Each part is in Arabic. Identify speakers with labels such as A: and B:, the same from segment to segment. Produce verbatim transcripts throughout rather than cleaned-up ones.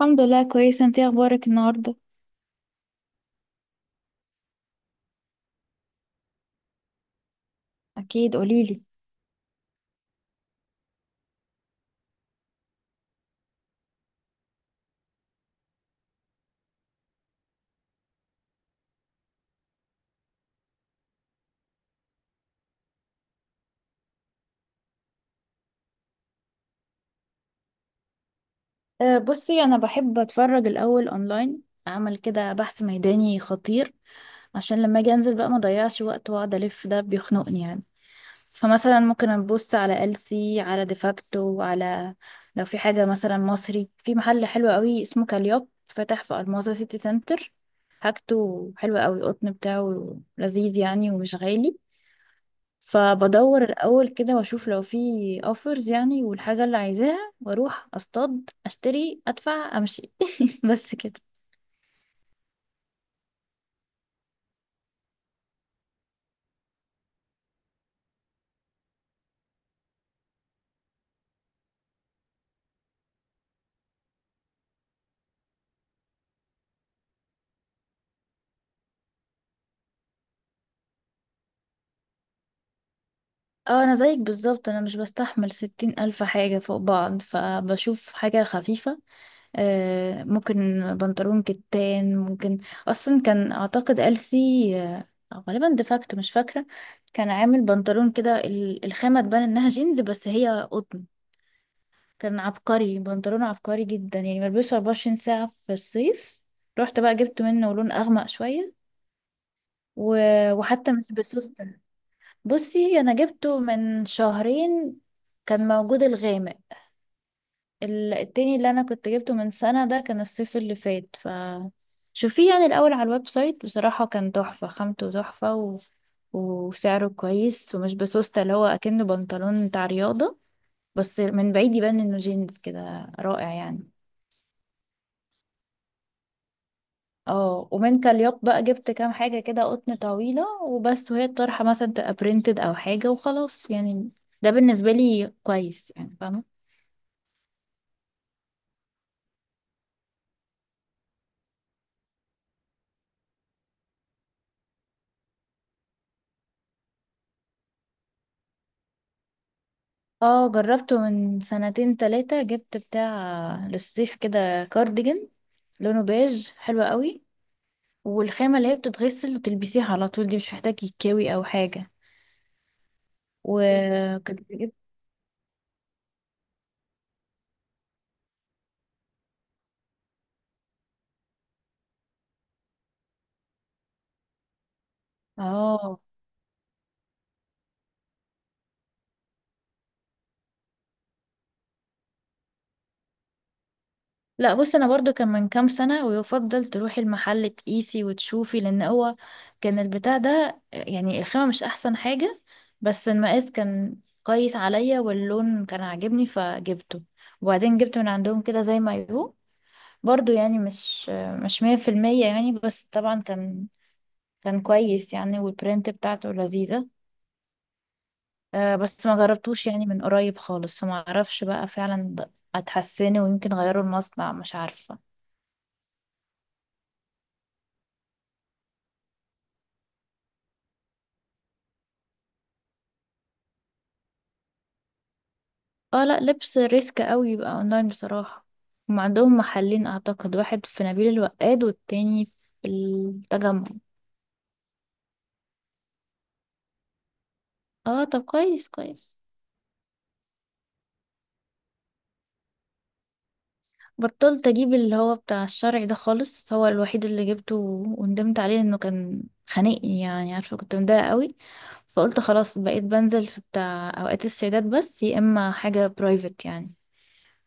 A: الحمد لله كويسة. انتي اخبارك النهاردة؟ أكيد قوليلي. أه، بصي انا بحب اتفرج الاول اونلاين، اعمل كده بحث ميداني خطير عشان لما اجي انزل بقى ما اضيعش وقت واقعد الف. ده بيخنقني يعني. فمثلا ممكن ابص على ألسي، على ديفاكتو، على لو في حاجة مثلا مصري. في محل حلو قوي اسمه كاليوب فتح في الماظة سيتي سنتر، حاجته حلوة قوي، القطن بتاعه لذيذ يعني ومش غالي. فبدور الأول كده وأشوف لو في اوفرز يعني والحاجة اللي عايزاها، وأروح أصطاد أشتري أدفع أمشي. بس كده. اه أنا زيك بالظبط، أنا مش بستحمل ستين ألف حاجة فوق بعض، فبشوف حاجة خفيفة. آه، ممكن بنطلون كتان ممكن. أصلا كان أعتقد ألسي آه، أو غالبا ديفاكتو، مش فاكرة. كان عامل بنطلون كده، ال- الخامة تبان إنها جينز بس هي قطن. كان عبقري، بنطلونه عبقري جدا يعني، بلبسه أربعة وعشرين ساعة في الصيف. رحت بقى جبت منه لون أغمق شوية و... وحتى مش بسوستة. بصي أنا جبته من شهرين، كان موجود الغامق. ال- التاني اللي أنا كنت جبته من سنة ده كان الصيف اللي فات. ف شوفيه يعني الأول على الويب سايت. بصراحة كان تحفة، خامته تحفة و... وسعره كويس ومش بسوستة، اللي هو أكنه بنطلون بتاع رياضة، بس من بعيد يبان إنه جينز كده، رائع يعني. اه ومن كاليوت بقى جبت كام حاجة كده قطن طويلة وبس، وهي الطرحة مثلا تبقى برينتد أو حاجة وخلاص يعني. ده بالنسبة لي كويس يعني، فاهمة. اه جربته من سنتين تلاتة، جبت بتاع للصيف كده كارديجان، لونه بيج حلو قوي، والخامة اللي هي بتتغسل وتلبسيها على طول، دي مش محتاج يتكوي أو حاجة. وكنت جبت. اه لا بص انا برضو كان من كام سنة، ويفضل تروحي المحل تقيسي وتشوفي، لان هو كان البتاع ده يعني الخامة مش احسن حاجة، بس المقاس كان كويس عليا واللون كان عاجبني فجبته. وبعدين جبت من عندهم كده زي ما يهو، برضو يعني مش مش مية في المية يعني، بس طبعا كان كان كويس يعني، والبرنت بتاعته لذيذة. آه، بس ما جربتوش يعني من قريب خالص، فما اعرفش بقى فعلا اتحسنه، ويمكن غيروا المصنع، مش عارفة. اه لا لبس ريسك قوي يبقى اونلاين بصراحة. هم عندهم محلين اعتقد، واحد في نبيل الوقاد والتاني في التجمع. اه طب كويس كويس. بطلت اجيب اللي هو بتاع الشرعي ده خالص، هو الوحيد اللي جبته وندمت عليه، انه كان خانقني يعني، عارفة كنت مضايقة قوي. فقلت خلاص بقيت بنزل في بتاع اوقات السيدات بس، يا اما حاجة برايفت يعني.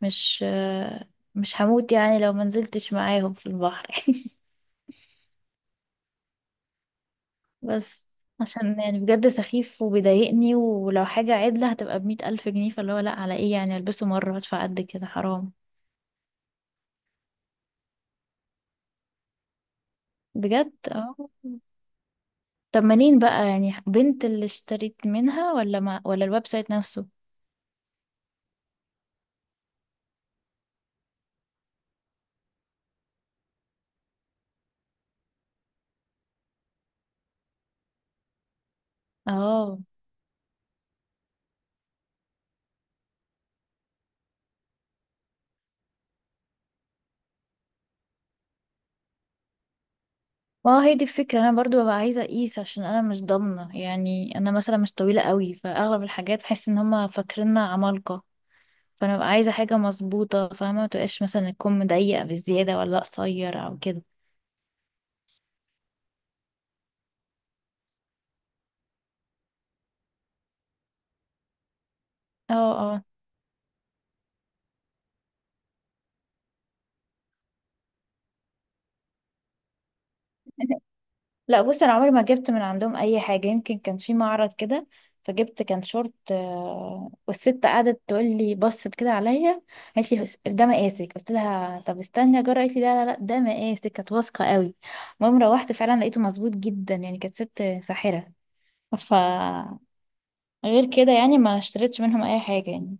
A: مش آه، مش هموت يعني لو منزلتش معاهم في البحر. بس عشان يعني بجد سخيف وبيضايقني، ولو حاجة عدلة هتبقى بمية ألف جنيه، فاللي هو لأ، على ايه يعني ألبسه مرة وأدفع قد كده، حرام. بجد اه. طب منين بقى يعني؟ بنت اللي اشتريت منها ولا ما ولا الويب سايت نفسه؟ اه ما هو هي دي الفكرة، انا برضو ببقى عايزة اقيس، عشان انا مش ضامنة يعني، انا مثلا مش طويلة قوي، فاغلب الحاجات بحس ان هما فاكريننا عمالقة. فانا ببقى عايزة حاجة مظبوطة، فاهمة، ما تبقاش مثلا الكم ضيق بالزيادة ولا قصير او كده. اه اه. لا بص انا عمري ما جبت من عندهم اي حاجه، يمكن كان في معرض كده فجبت، كان شورت. آه، والست قعدت تقول لي، بصت كده عليا قالت لي "بس- ده مقاسك"، قلت لها طب استني اجرب، قالت لي لا لا لا ده مقاسك، كانت واثقه قوي. المهم روحت فعلا لقيته مظبوط جدا يعني، كانت ست ساحره. ف غير كده يعني ما اشتريتش منهم اي حاجه يعني.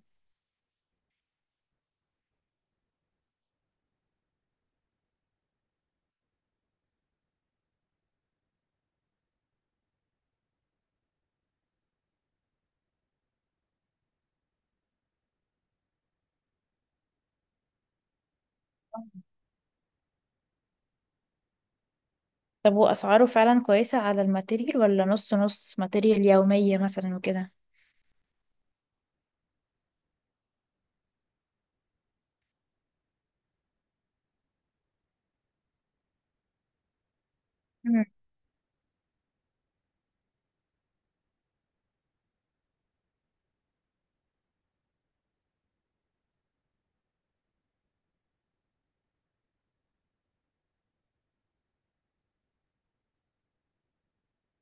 A: طب واسعاره فعلا كويسه على الماتيريال، ولا نص نص ماتيريال يوميه مثلا وكده؟ مم.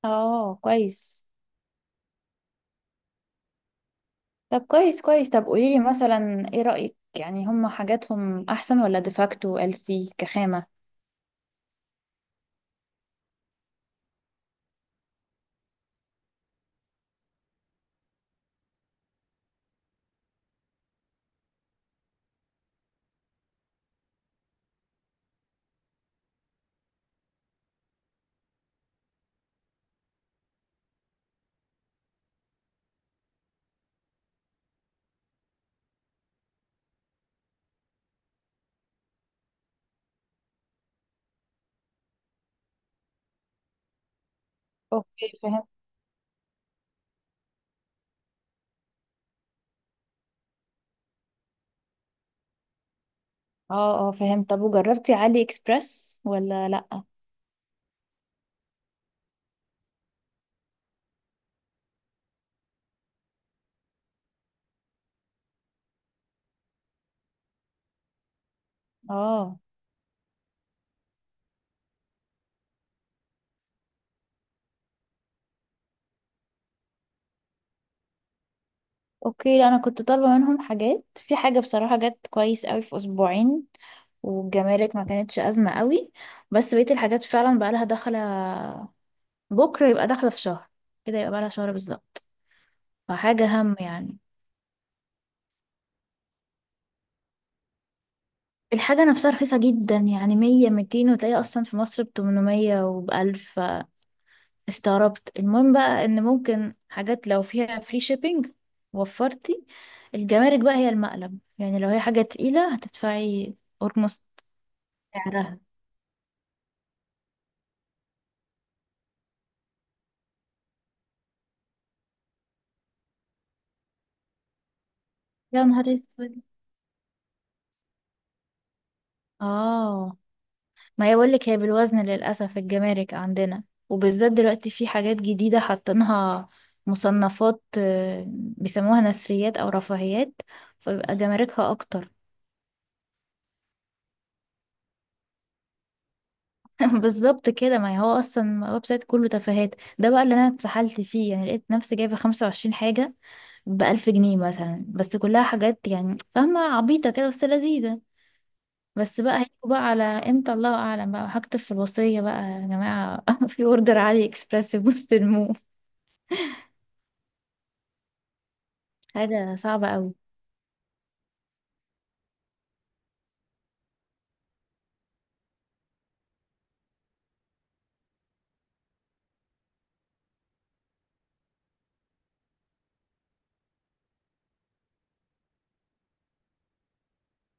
A: اه كويس. طب كويس كويس. طب قوليلي مثلا ايه رأيك يعني، هم حاجاتهم احسن ولا ديفاكتو ال سي كخامة؟ اوكي فهمت. اه اه فهمت. طب وجربتي علي اكسبرس ولا لا؟ اه اوكي. لا انا كنت طالبة منهم حاجات في حاجة، بصراحة جت كويس قوي في اسبوعين، والجمارك ما كانتش ازمة قوي. بس بقية الحاجات فعلا بقى لها داخلة، بكرة يبقى داخلة في شهر، كده يبقى بقى لها شهر بالظبط. فحاجة هم يعني. الحاجة نفسها رخيصة جدا يعني مية ميتين، وتلاقي أصلا في مصر بتمنمية وبألف، استغربت. المهم بقى إن ممكن حاجات لو فيها فري شيبينج، وفرتي. الجمارك بقى هي المقلب يعني، لو هي حاجة تقيلة هتدفعي أورموست سعرها. يا نهار اسود. اه ما هي بقولك، هي بالوزن للأسف الجمارك عندنا، وبالذات دلوقتي في حاجات جديدة حاطينها مصنفات، آه، بيسموها نثريات أو رفاهيات، فبيبقى جماركها أكتر. بالظبط كده. ما هو اصلا ويب سايت كله تفاهات، ده بقى اللي انا اتسحلت فيه يعني، لقيت نفسي جايبه خمسة وعشرين حاجه ب ألف جنيه مثلا، بس كلها حاجات يعني فاهمه، عبيطه كده بس لذيذه. بس بقى هيجوا بقى على امتى الله اعلم، بقى هكتب في الوصيه بقى يا جماعه، في اوردر علي اكسبريس مستلموه. حاجه صعبه قوي.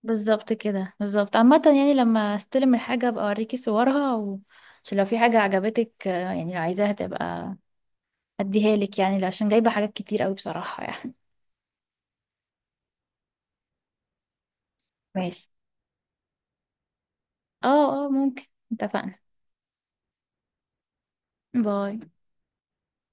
A: بالظبط كده بالظبط. عامه يعني لما استلم الحاجه ابقى اوريكي صورها و... عشان لو في حاجه عجبتك، آه، يعني لو عايزاها تبقى اديها لك يعني، عشان جايبه حاجات كتير قوي بصراحه يعني. ماشي. اه اه ممكن. اتفقنا. باي.